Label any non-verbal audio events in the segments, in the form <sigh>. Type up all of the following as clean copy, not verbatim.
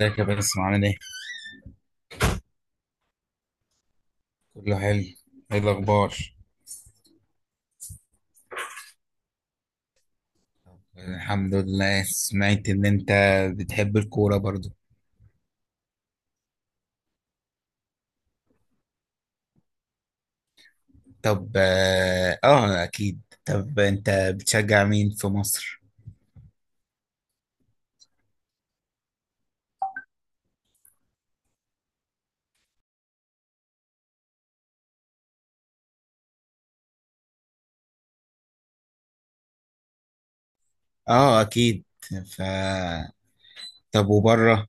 ازيك يا باسم عامل ايه؟ كله حلو. ايه الأخبار؟ الحمد لله. سمعت إن أنت بتحب الكورة برضو. طب أكيد. طب أنت بتشجع مين في مصر؟ اه، أكيد. ف طب وبره؟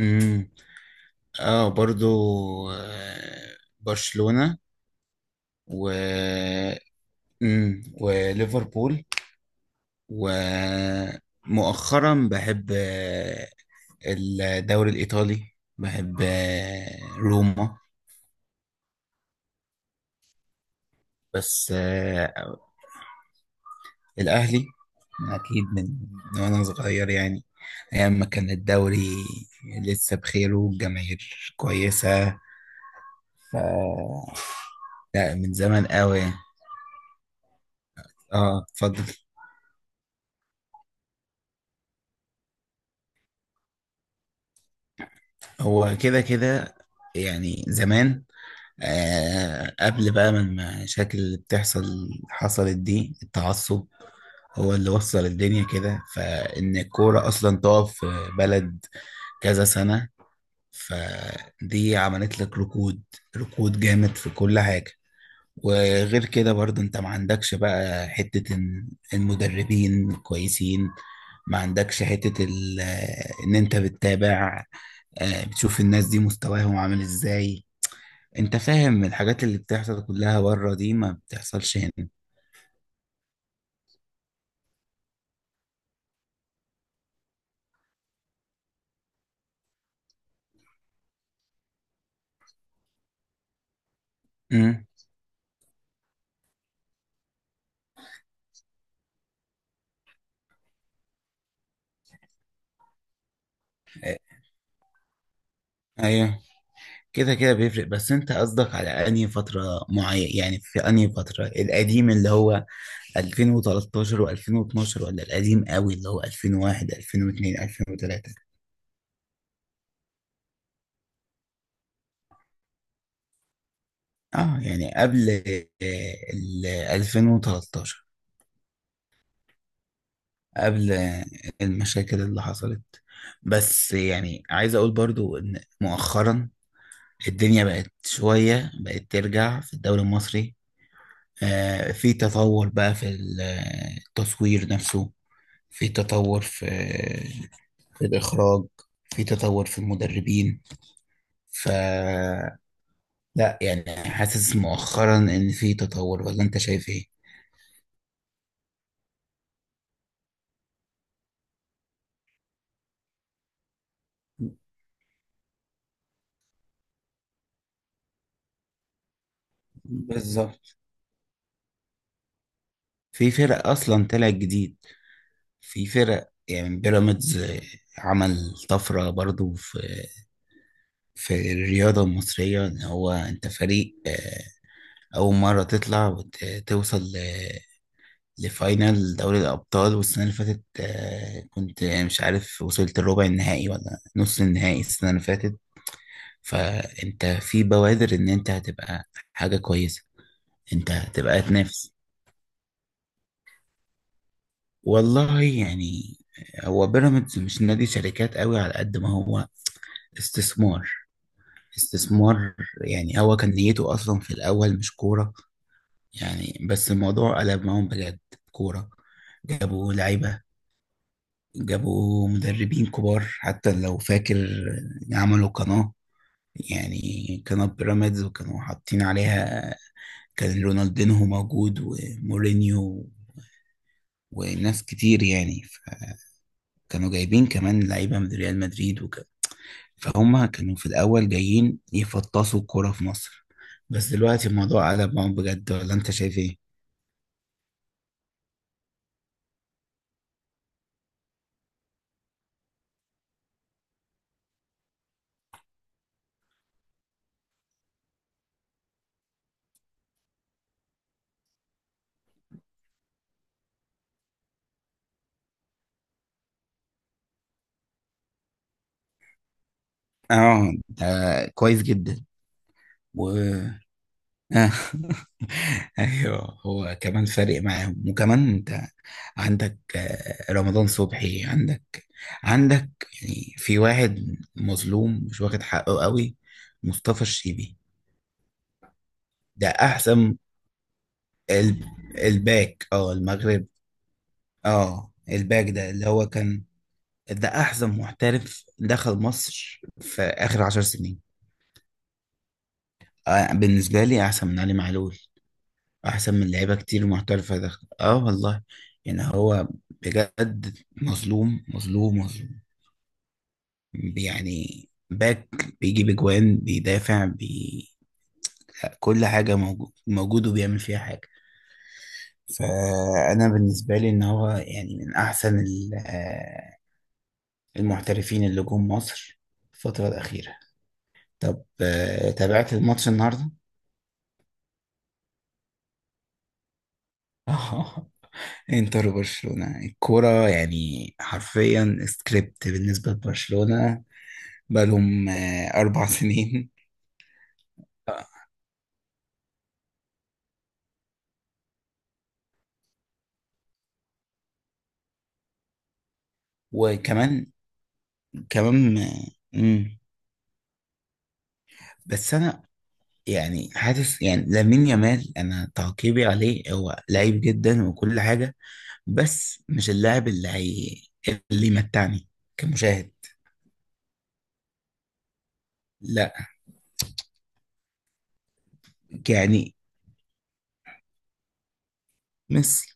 امم اه، برضو، برشلونة و وليفربول، ومؤخرا بحب الدوري الإيطالي. بحب روما. بس الأهلي، أكيد من وأنا صغير يعني، أيام ما كان الدوري لسه بخير والجماهير كويسة. ف لا، من زمان قوي. اه، اتفضل. هو كده كده، يعني زمان. قبل بقى، من المشاكل اللي بتحصل حصلت دي التعصب، هو اللي وصل الدنيا كده، فإن الكورة أصلا تقف في بلد كذا سنة. فدي عملت لك ركود، ركود جامد في كل حاجة. وغير كده برضه انت ما عندكش بقى حتة ان المدربين كويسين. ما عندكش حتة ان انت بتتابع، بتشوف الناس دي مستواهم عامل ازاي. انت فاهم الحاجات اللي بتحصل كلها بره دي ما بتحصلش هنا. امم ايوه، كده كده بيفرق. بس انت قصدك على انهي فترة معين، يعني في انهي فترة القديم اللي هو 2013 و2012 ولا القديم قوي اللي هو 2001 2002 2003؟ اه، يعني قبل ال 2013، قبل المشاكل اللي حصلت. بس يعني عايز اقول برضو ان مؤخرا الدنيا بقت شوية، بقت ترجع في الدوري المصري. في تطور بقى في التصوير نفسه. في تطور في الإخراج. في تطور في المدربين. ف لا يعني، حاسس مؤخرا إن في تطور ولا أنت شايف إيه؟ بالظبط، في فرق أصلا طلعت جديد. في فرق يعني بيراميدز، عمل طفرة برضو في الرياضة المصرية. إن هو أنت فريق أول مرة تطلع وتوصل لفاينل دوري الأبطال. والسنة اللي فاتت كنت مش عارف وصلت الربع النهائي ولا نص النهائي السنة اللي فاتت. فأنت في بوادر إن أنت هتبقى حاجة كويسة، أنت هتبقى تنافس. والله يعني، هو بيراميدز مش نادي شركات قوي على قد ما هو استثمار، استثمار. يعني هو كان نيته أصلا في الأول مش كورة يعني، بس الموضوع قلب معاهم بجد كورة. جابوا لعيبة، جابوا مدربين كبار، حتى لو فاكر. عملوا قناة، يعني قناة بيراميدز، وكانوا حاطين عليها كان رونالدينهو موجود ومورينيو وناس كتير. يعني فكانوا جايبين كمان لعيبة من ريال مدريد وكده. فهم كانوا في الأول جايين يفطسوا الكورة في مصر، بس دلوقتي الموضوع قلب معاهم بجد ولا أنت شايف إيه؟ آه ده كويس جدا، و <laughs> آه. ايوه، هو كمان فارق معاهم، وكمان انت عندك رمضان صبحي. عندك يعني في واحد مظلوم مش واخد حقه قوي، مصطفى الشيبي. ده احسن الب... الباك، المغرب. اه، الباك ده اللي هو كان، ده احسن محترف دخل مصر في اخر عشر سنين. بالنسبه لي احسن من علي معلول، احسن من لعيبه كتير محترفه دخل. اه والله يعني، هو بجد مظلوم مظلوم مظلوم. يعني باك بيجيب اجوان، بيدافع لا، كل حاجة موجود موجود وبيعمل فيها حاجة. فأنا بالنسبة لي إن هو يعني من أحسن المحترفين اللي جم مصر الفترة الأخيرة. طب تابعت الماتش النهاردة؟ <laughs> انتر وبرشلونة. الكورة يعني حرفيا سكريبت بالنسبة لبرشلونة، بقالهم أربع <laughs> سنين. آه، وكمان، كمان مم. بس انا يعني حاسس يعني لامين يامال، انا تعقيبي عليه هو لعيب جدا وكل حاجه، بس مش اللاعب اللي هي اللي يمتعني كمشاهد. لا يعني ميسي،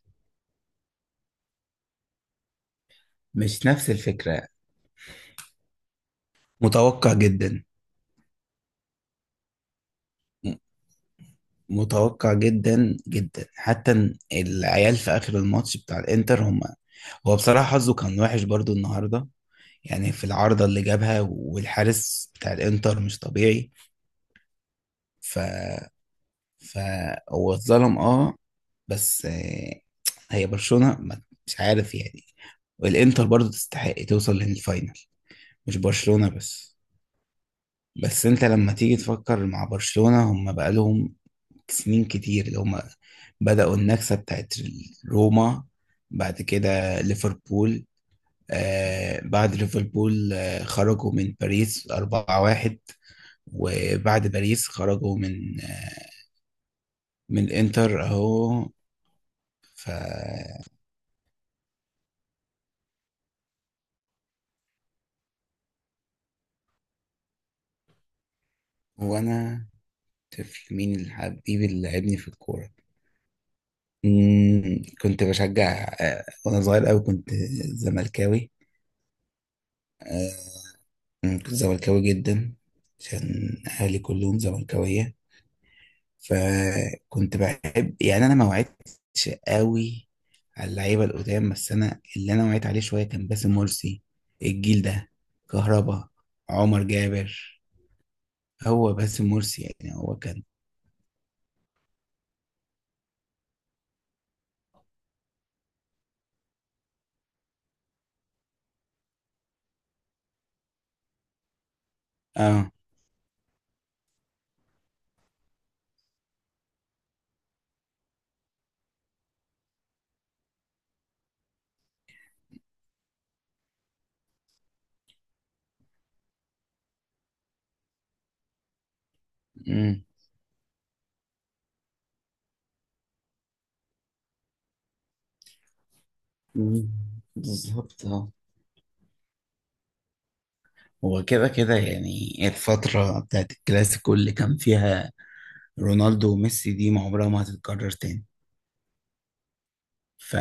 مش نفس الفكره. متوقع جدا، م- متوقع جدا جدا. حتى العيال في اخر الماتش بتاع الانتر، هم، هو بصراحه حظه كان وحش برضو النهارده، يعني في العارضه اللي جابها، والحارس بتاع الانتر مش طبيعي. ف فهو اتظلم اه، بس هي برشلونة مش عارف يعني، والانتر برضو تستحق توصل للفاينل، مش برشلونة بس. بس انت لما تيجي تفكر مع برشلونة، هم بقالهم سنين كتير اللي هم بدأوا النكسة بتاعت روما، بعد كده ليفربول. بعد ليفربول خرجوا من باريس 4-1، وبعد باريس خرجوا من من الانتر اهو. ف وانا طفل، مين اللي حبيبي اللي لعبني في الكوره؟ كنت بشجع وانا صغير قوي كنت زملكاوي. آه، كنت زملكاوي جدا عشان اهلي كلهم زملكاويه. فكنت بحب يعني، انا ما وعدتش قوي على اللعيبه القدام، بس انا اللي انا وعيت عليه شويه كان باسم مرسي. الجيل ده كهربا، عمر جابر. هو باسم مرسي يعني هو كان اه امم بالظبط، اه. هو كده كده، يعني الفترة بتاعت الكلاسيكو اللي كان فيها رونالدو وميسي دي ما عمرها ما هتتكرر تاني. ف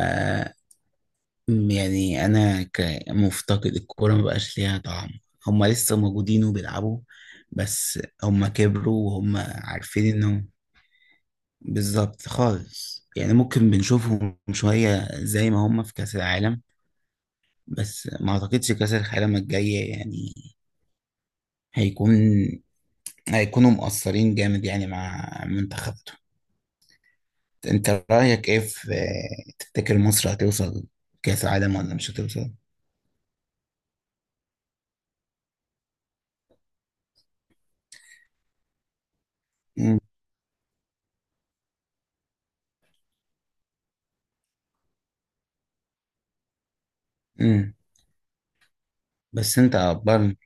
يعني أنا كمفتقد الكورة، ما بقاش ليها طعم. هما لسه موجودين وبيلعبوا، بس هما كبروا وهما عارفين إنهم، بالظبط خالص، يعني ممكن بنشوفهم شوية زي ما هما في كأس العالم، بس ما أعتقدش كأس العالم الجاية يعني هيكون، هيكونوا مقصرين جامد، يعني مع منتخب. انت رأيك ايه في تفتكر مصر هتوصل كأس العالم ولا مش هتوصل؟ مم. مم. بس انت برضه،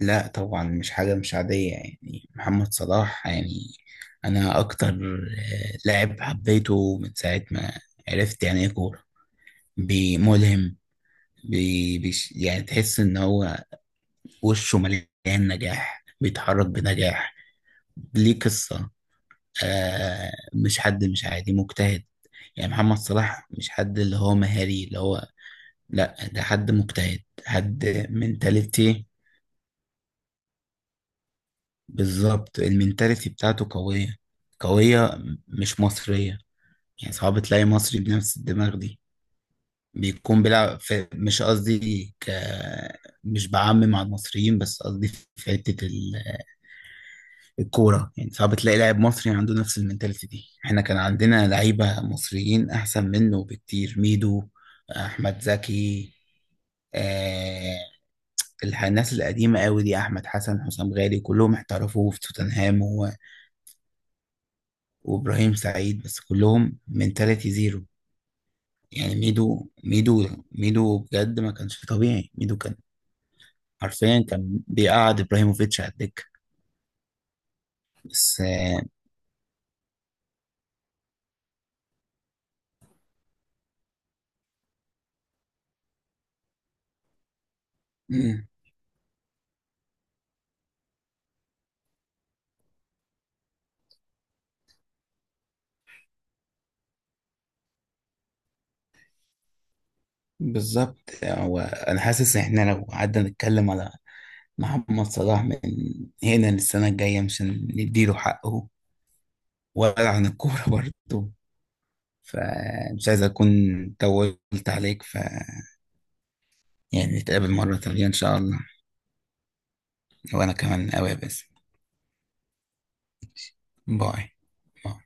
لا طبعا مش حاجة، مش عادية يعني محمد صلاح، يعني انا اكتر لاعب حبيته من ساعة ما عرفت يعني ايه كورة. ملهم، بيش يعني تحس ان هو وشه مليان نجاح، بيتحرك بنجاح. ليه قصة، مش حد، مش عادي، مجتهد. يعني محمد صلاح مش حد اللي هو مهاري اللي هو، لا ده حد مجتهد، حد منتاليتي. بالظبط، المنتاليتي بتاعته قوية، قوية، مش مصرية. يعني صعب تلاقي مصري بنفس الدماغ دي بيكون بيلعب في، مش قصدي مش بعمم مع المصريين، بس قصدي في حتة الكورة، يعني صعب تلاقي لاعب مصري عنده نفس المنتاليتي دي. احنا كان عندنا لعيبة مصريين أحسن منه بكتير، ميدو، أحمد زكي، آه الناس القديمة قوي دي، أحمد حسن، حسام غالي، كلهم احترفوا في توتنهام وإبراهيم سعيد. بس كلهم منتاليتي زيرو. يعني ميدو ميدو ميدو بجد ما كانش طبيعي، ميدو كان حرفيا كان بيقعد إبراهيموفيتش على الدكة. بس آه بالظبط. هو انا حاسس ان احنا لو قعدنا نتكلم على محمد صلاح من هنا للسنه الجايه مش هنديله حقه، ولا عن الكوره <laughs> برضه. فمش عايز اكون طولت عليك. يعني نتقابل مره تانية ان شاء الله، وانا كمان قوي. بس، باي باي.